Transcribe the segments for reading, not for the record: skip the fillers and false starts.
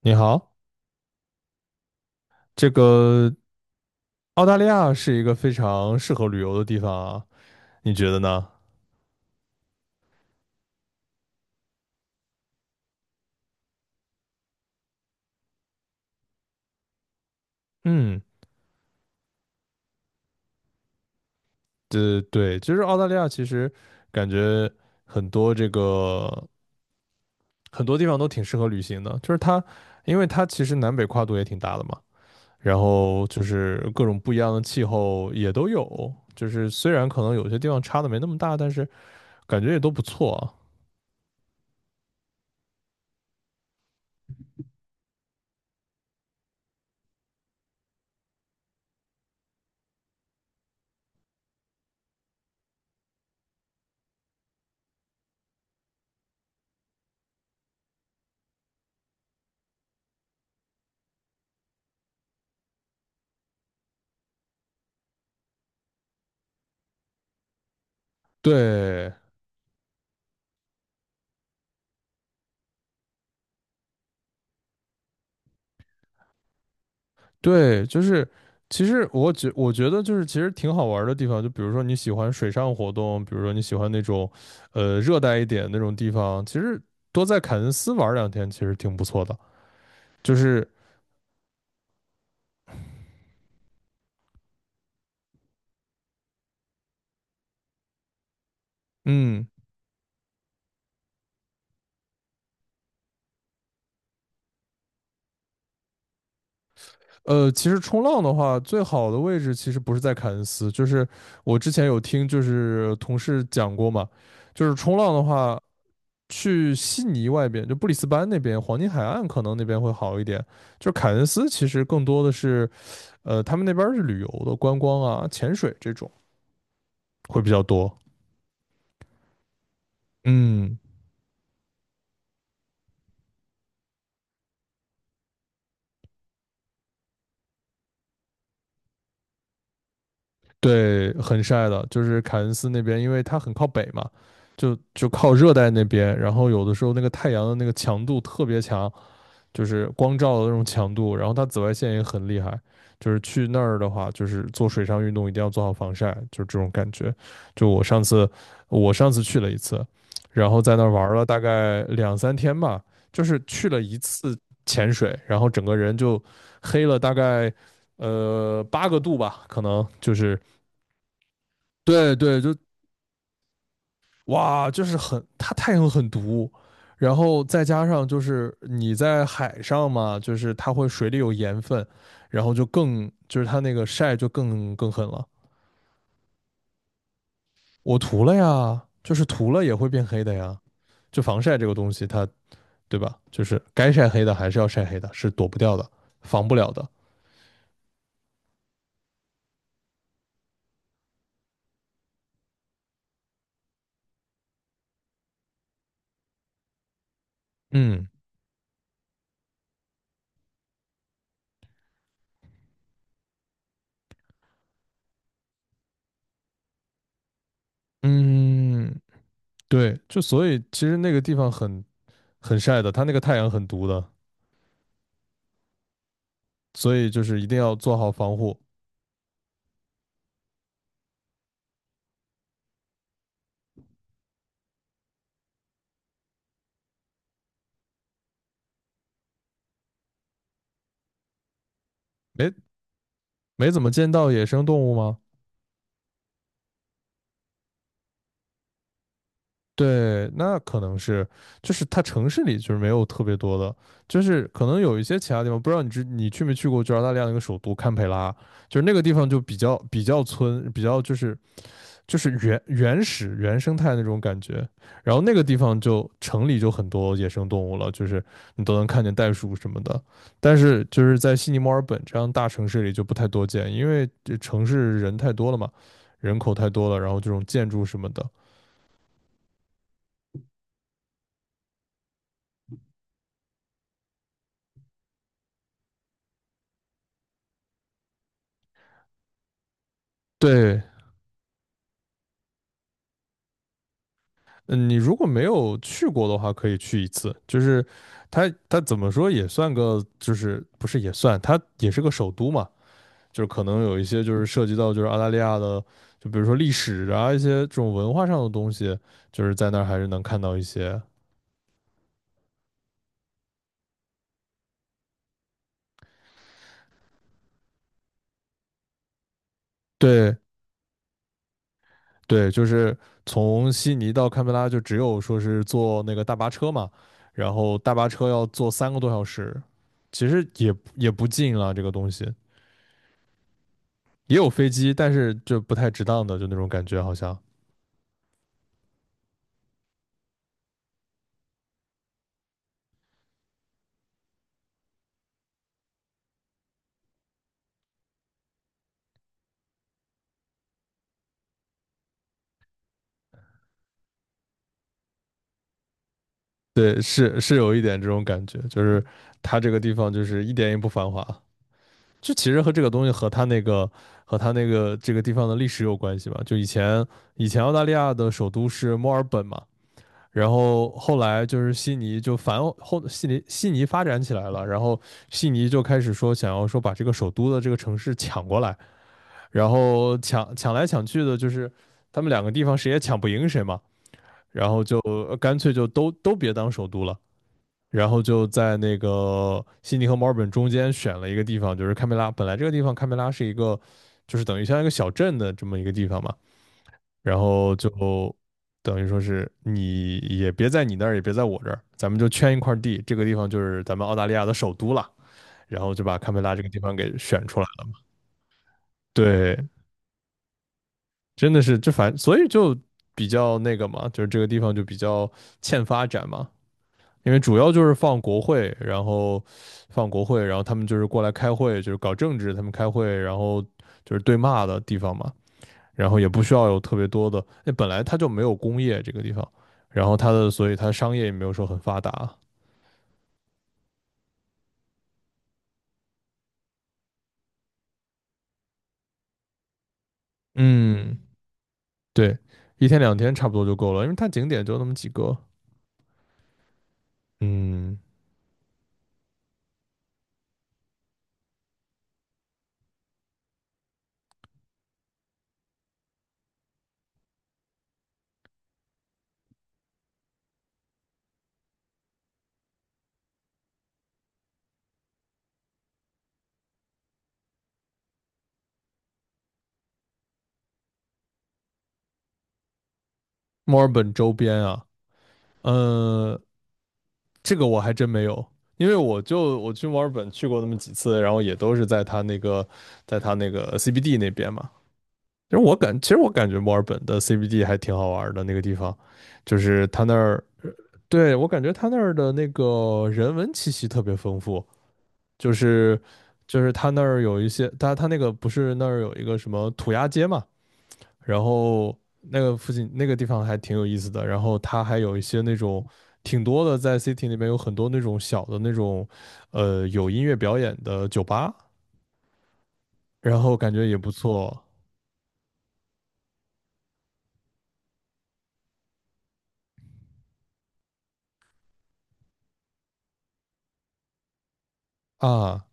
你好，这个澳大利亚是一个非常适合旅游的地方啊，你觉得呢？嗯，对对，就是澳大利亚其实感觉很多这个很多地方都挺适合旅行的，就是它，因为它其实南北跨度也挺大的嘛，然后就是各种不一样的气候也都有，就是虽然可能有些地方差的没那么大，但是感觉也都不错啊。对，对，就是其实我觉得就是其实挺好玩儿的地方，就比如说你喜欢水上活动，比如说你喜欢那种热带一点那种地方，其实多在凯恩斯玩儿两天其实挺不错的。就是嗯其实冲浪的话，最好的位置其实不是在凯恩斯，就是我之前有听就是同事讲过嘛，就是冲浪的话。去悉尼外边，就布里斯班那边，黄金海岸可能那边会好一点。就是凯恩斯其实更多的是，他们那边是旅游的，观光啊、潜水这种会比较多。嗯，对，很晒的，就是凯恩斯那边，因为它很靠北嘛，就靠热带那边，然后有的时候那个太阳的那个强度特别强，就是光照的那种强度，然后它紫外线也很厉害。就是去那儿的话，就是做水上运动一定要做好防晒，就是这种感觉。就我上次，我上次去了一次，然后在那儿玩了大概2、3天吧，就是去了一次潜水，然后整个人就黑了大概8个度吧，可能就是对对，就哇，就是很，它太阳很毒，然后再加上就是你在海上嘛，就是它会水里有盐分，然后就它那个晒就更狠了。我涂了呀，就是涂了也会变黑的呀。就防晒这个东西它，对吧？就是该晒黑的还是要晒黑的，是躲不掉的，防不了的。嗯嗯，对，就所以其实那个地方很晒的，它那个太阳很毒的，所以就是一定要做好防护。哎，没怎么见到野生动物吗？对，那可能是，就是它城市里就是没有特别多的，就是可能有一些其他地方，不知道你去没去过，就澳大利亚那个首都堪培拉，就是那个地方就比较村，比较就是就是原始原生态那种感觉。然后那个地方就城里就很多野生动物了，就是你都能看见袋鼠什么的。但是就是在悉尼、墨尔本这样大城市里就不太多见，因为这城市人太多了嘛，人口太多了，然后这种建筑什么的，对。嗯，你如果没有去过的话，可以去一次。就是它，它怎么说也算个，就是不是也算，它也是个首都嘛。就是可能有一些就是涉及到就是澳大利亚的，就比如说历史啊一些这种文化上的东西，就是在那儿还是能看到一些。对对，就是从悉尼到堪培拉就只有说是坐那个大巴车嘛，然后大巴车要坐3个多小时，其实也不近了这个东西，也有飞机，但是就不太值当的，就那种感觉好像。对，是是有一点这种感觉，就是它这个地方就是一点也不繁华。就其实和这个东西和它那个和它那个这个地方的历史有关系吧。就以前以前澳大利亚的首都是墨尔本嘛，然后后来就是悉尼就反后悉尼悉尼发展起来了，然后悉尼就开始说想要说把这个首都的这个城市抢过来，然后抢来抢去的，就是他们2个地方谁也抢不赢谁嘛，然后就干脆就都别当首都了。然后就在那个悉尼和墨尔本中间选了一个地方，就是堪培拉。本来这个地方堪培拉是一个，就是等于像一个小镇的这么一个地方嘛。然后就等于说是你也别在你那儿，也别在我这儿，咱们就圈一块地，这个地方就是咱们澳大利亚的首都了。然后就把堪培拉这个地方给选出来了。对，真的是这反，所以就比较那个嘛，就是这个地方就比较欠发展嘛。因为主要就是放国会，然后放国会，然后他们就是过来开会，就是搞政治，他们开会，然后就是对骂的地方嘛，然后也不需要有特别多的，那本来它就没有工业这个地方，然后它的，所以它商业也没有说很发达，嗯，对，一天两天差不多就够了，因为它景点就那么几个，嗯，墨尔本周边啊，嗯。这个我还真没有，因为我去墨尔本去过那么几次，然后也都是在它那个，在它那个 CBD 那边嘛。其实我感觉墨尔本的 CBD 还挺好玩的那个地方，就是它那儿，对，我感觉它那儿的那个人文气息特别丰富，就是就是它那儿有一些，它那个不是那儿有一个什么涂鸦街嘛，然后那个附近那个地方还挺有意思的，然后它还有一些那种挺多的，在 city 那边有很多那种小的那种，有音乐表演的酒吧，然后感觉也不错啊。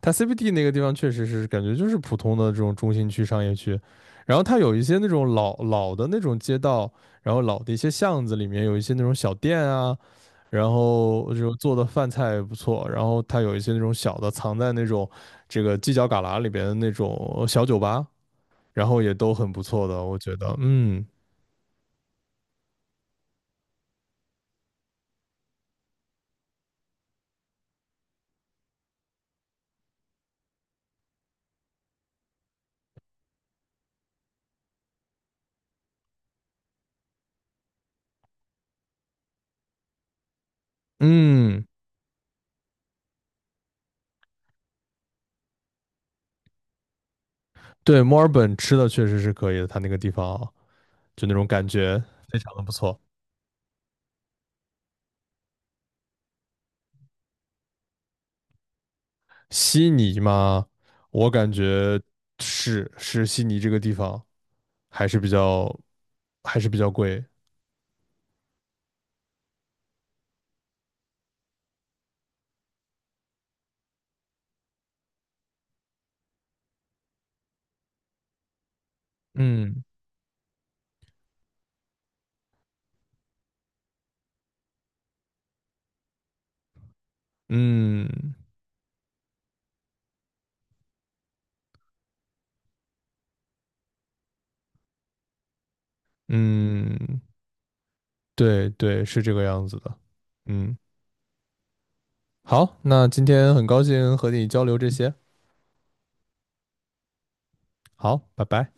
它 CBD 那个地方确实是感觉就是普通的这种中心区商业区，然后它有一些那种老老的那种街道，然后老的一些巷子里面有一些那种小店啊，然后就做的饭菜也不错，然后它有一些那种小的藏在那种这个犄角旮旯里边的那种小酒吧，然后也都很不错的，我觉得，嗯嗯，对，墨尔本吃的确实是可以的，它那个地方就那种感觉非常的不错。悉尼嘛，我感觉是是悉尼这个地方还是比较还是比较贵，嗯嗯嗯，对对，是这个样子的，嗯。好，那今天很高兴和你交流这些。好，拜拜。